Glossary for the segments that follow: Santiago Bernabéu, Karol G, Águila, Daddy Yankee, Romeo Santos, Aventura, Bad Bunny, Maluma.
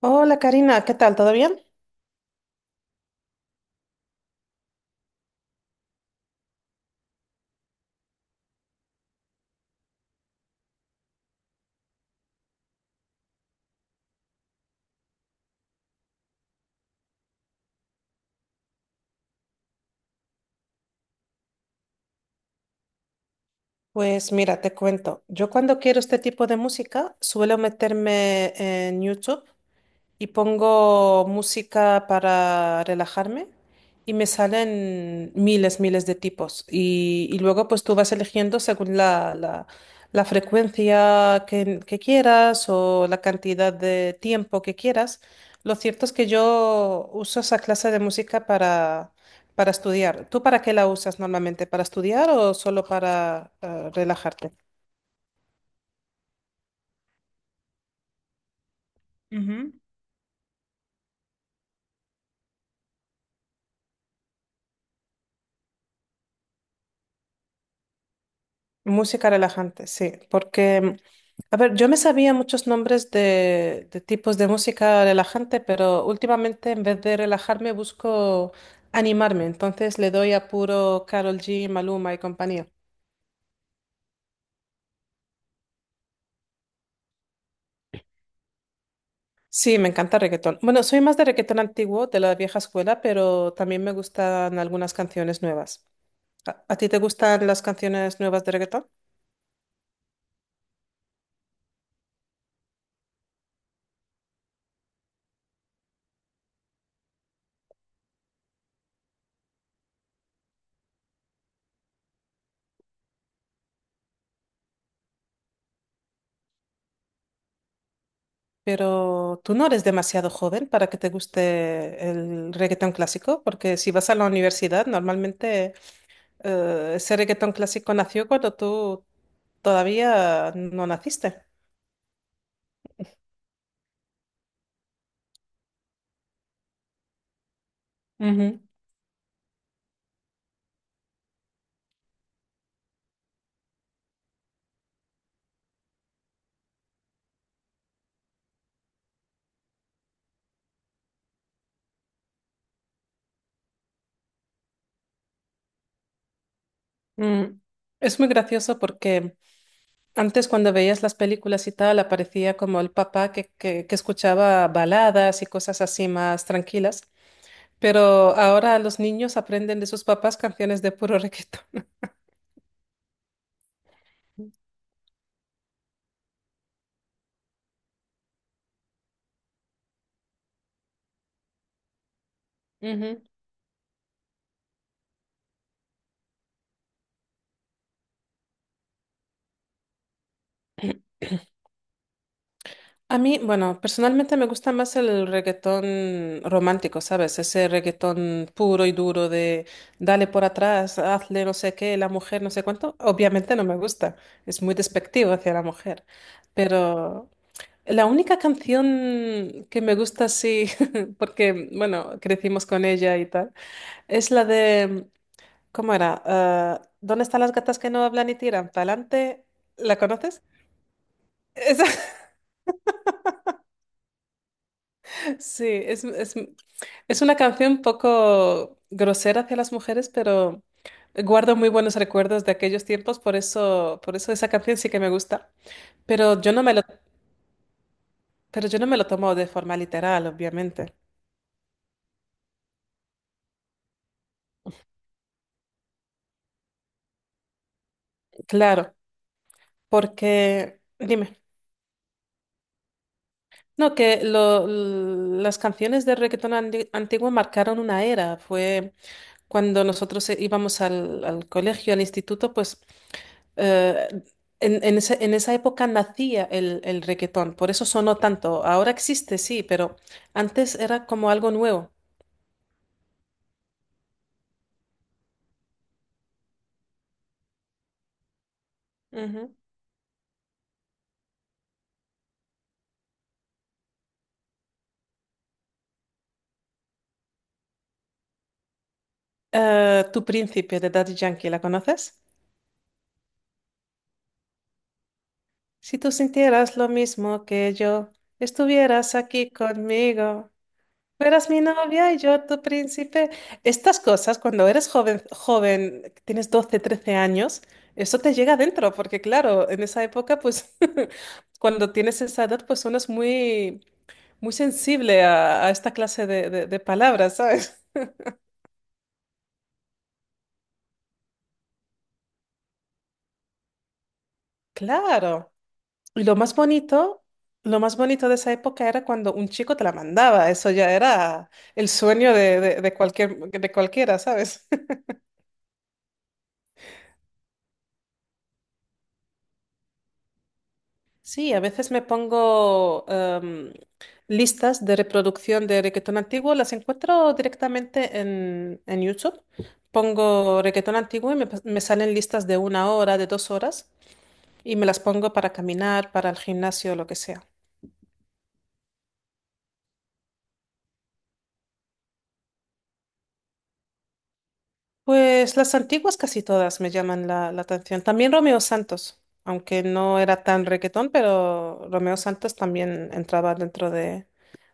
Hola Karina, ¿qué tal? ¿Todo bien? Pues mira, te cuento. Yo cuando quiero este tipo de música suelo meterme en YouTube y pongo música para relajarme y me salen miles, miles de tipos. Y luego pues tú vas eligiendo según la frecuencia que quieras o la cantidad de tiempo que quieras. Lo cierto es que yo uso esa clase de música para estudiar. ¿Tú para qué la usas normalmente? ¿Para estudiar o solo para relajarte? Ujú. Música relajante, sí, porque a ver, yo me sabía muchos nombres de tipos de música relajante, pero últimamente en vez de relajarme busco animarme, entonces le doy a puro Karol G, Maluma y compañía. Sí, me encanta reggaetón. Bueno, soy más de reggaetón antiguo, de la vieja escuela, pero también me gustan algunas canciones nuevas. ¿A ti te gustan las canciones nuevas de reggaetón? Pero tú no eres demasiado joven para que te guste el reggaetón clásico, porque si vas a la universidad, normalmente ese reggaetón clásico nació cuando tú todavía no naciste. Ujú. Mm. Es muy gracioso porque antes cuando veías las películas y tal, aparecía como el papá que escuchaba baladas y cosas así más tranquilas, pero ahora los niños aprenden de sus papás canciones de puro reggaetón. A mí, bueno, personalmente me gusta más el reggaetón romántico, ¿sabes? Ese reggaetón puro y duro de dale por atrás, hazle no sé qué, la mujer no sé cuánto. Obviamente no me gusta, es muy despectivo hacia la mujer. Pero la única canción que me gusta así, porque, bueno, crecimos con ella y tal, es la de ¿cómo era? Ah, ¿dónde están las gatas que no hablan y tiran? ¿Pa'lante? ¿La conoces? Sí, es una canción un poco grosera hacia las mujeres, pero guardo muy buenos recuerdos de aquellos tiempos, por eso esa canción sí que me gusta. Pero yo no me lo, pero yo no me lo tomo de forma literal, obviamente. Claro, porque, dime, no, las canciones de reggaetón antiguo marcaron una era. Fue cuando nosotros íbamos al colegio, al instituto, pues Eh, en, en esa época nacía el reggaetón, por eso sonó tanto. Ahora existe, sí, pero antes era como algo nuevo. Ujú. Tu príncipe de Daddy Yankee, ¿la conoces? Si tú sintieras lo mismo que yo, estuvieras aquí conmigo, fueras mi novia y yo tu príncipe. Estas cosas, cuando eres joven, joven, tienes 12 13 años, eso te llega adentro, porque claro, en esa época, pues cuando tienes esa edad, pues uno es muy sensible a esta clase de palabras, ¿sabes? Claro. Y lo más bonito de esa época era cuando un chico te la mandaba. Eso ya era el sueño de de cualquiera, ¿sabes? Sí, a veces me pongo listas de reproducción de reggaetón antiguo, las encuentro directamente en YouTube. Pongo reggaetón antiguo y me salen listas de 1 hora, de 2 horas, y me las pongo para caminar, para el gimnasio, lo que sea. Pues las antiguas casi todas me llaman la atención. También Romeo Santos, aunque no era tan reggaetón, pero Romeo Santos también entraba dentro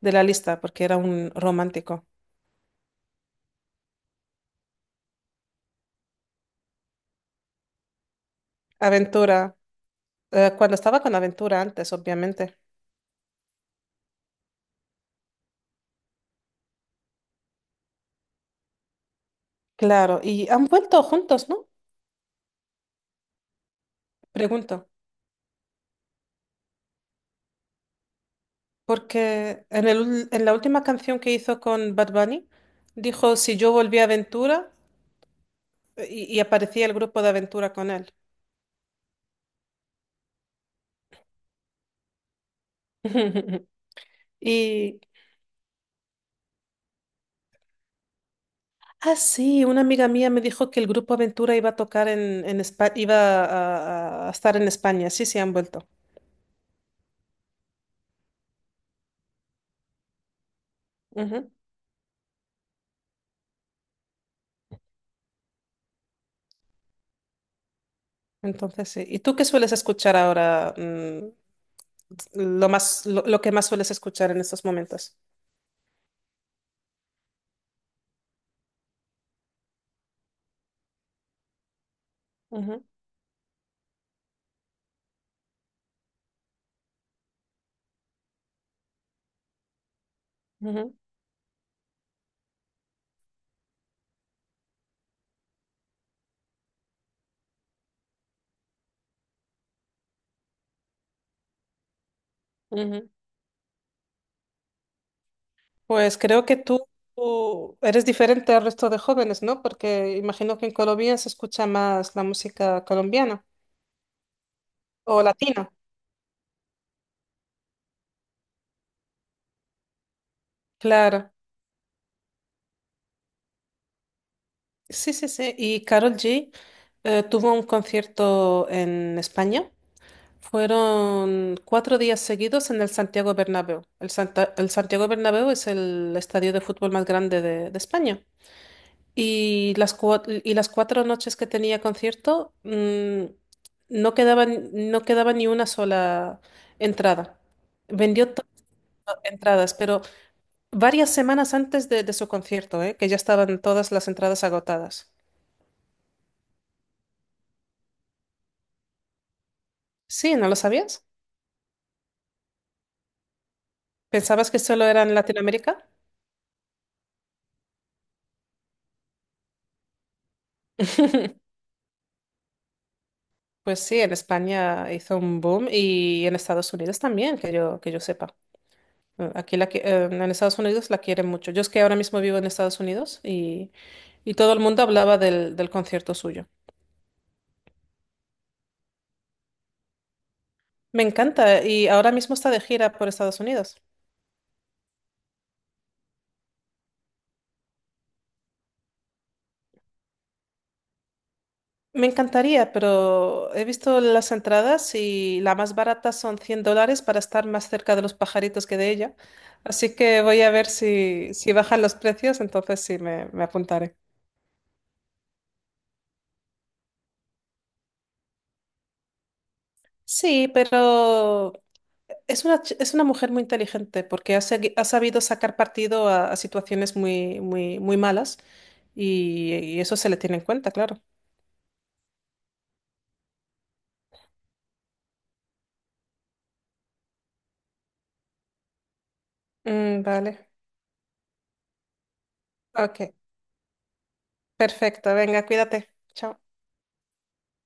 de la lista porque era un romántico. Aventura, cuando estaba con Aventura antes, obviamente. Claro, y han vuelto juntos, ¿no? Pregunto, porque en en la última canción que hizo con Bad Bunny, dijo, si yo volví a Aventura, y aparecía el grupo de Aventura con él. Y ah, sí, una amiga mía me dijo que el grupo Aventura iba a tocar en, a estar en España. Sí, sí, han vuelto. Ujú. Entonces, sí. ¿Y tú qué sueles escuchar ahora? Mm, lo más, lo que más sueles escuchar en estos momentos. Ujú, ujú, ujú. Pues creo que tú eres diferente al resto de jóvenes, ¿no? Porque imagino que en Colombia se escucha más la música colombiana o latina. Claro. Sí, sí, sí. Y Karol G tuvo un concierto en España. Fueron 4 días seguidos en el Santiago Bernabéu. El Santiago Bernabéu es el estadio de fútbol más grande de España. Y y las 4 noches que tenía concierto, mm, no quedaba, no quedaba ni una sola entrada. Vendió todas las entradas, pero varias semanas antes de su concierto, ¿eh? Que ya estaban todas las entradas agotadas. Sí, ¿no lo sabías? ¿Pensabas que solo era en Latinoamérica? Pues sí, en España hizo un boom y en Estados Unidos también, que yo sepa. En Estados Unidos la quieren mucho. Yo es que ahora mismo vivo en Estados Unidos y todo el mundo hablaba del concierto suyo. Me encanta y ahora mismo está de gira por Estados Unidos. Me encantaría, pero he visto las entradas y la más barata son $100 para estar más cerca de los pajaritos que de ella. Así que voy a ver si bajan los precios, entonces sí me apuntaré. Sí, pero es es una mujer muy inteligente porque ha sabido sacar partido a situaciones muy malas y eso se le tiene en cuenta, claro. Mm, vale. Ok, perfecto. Venga, cuídate. Chao.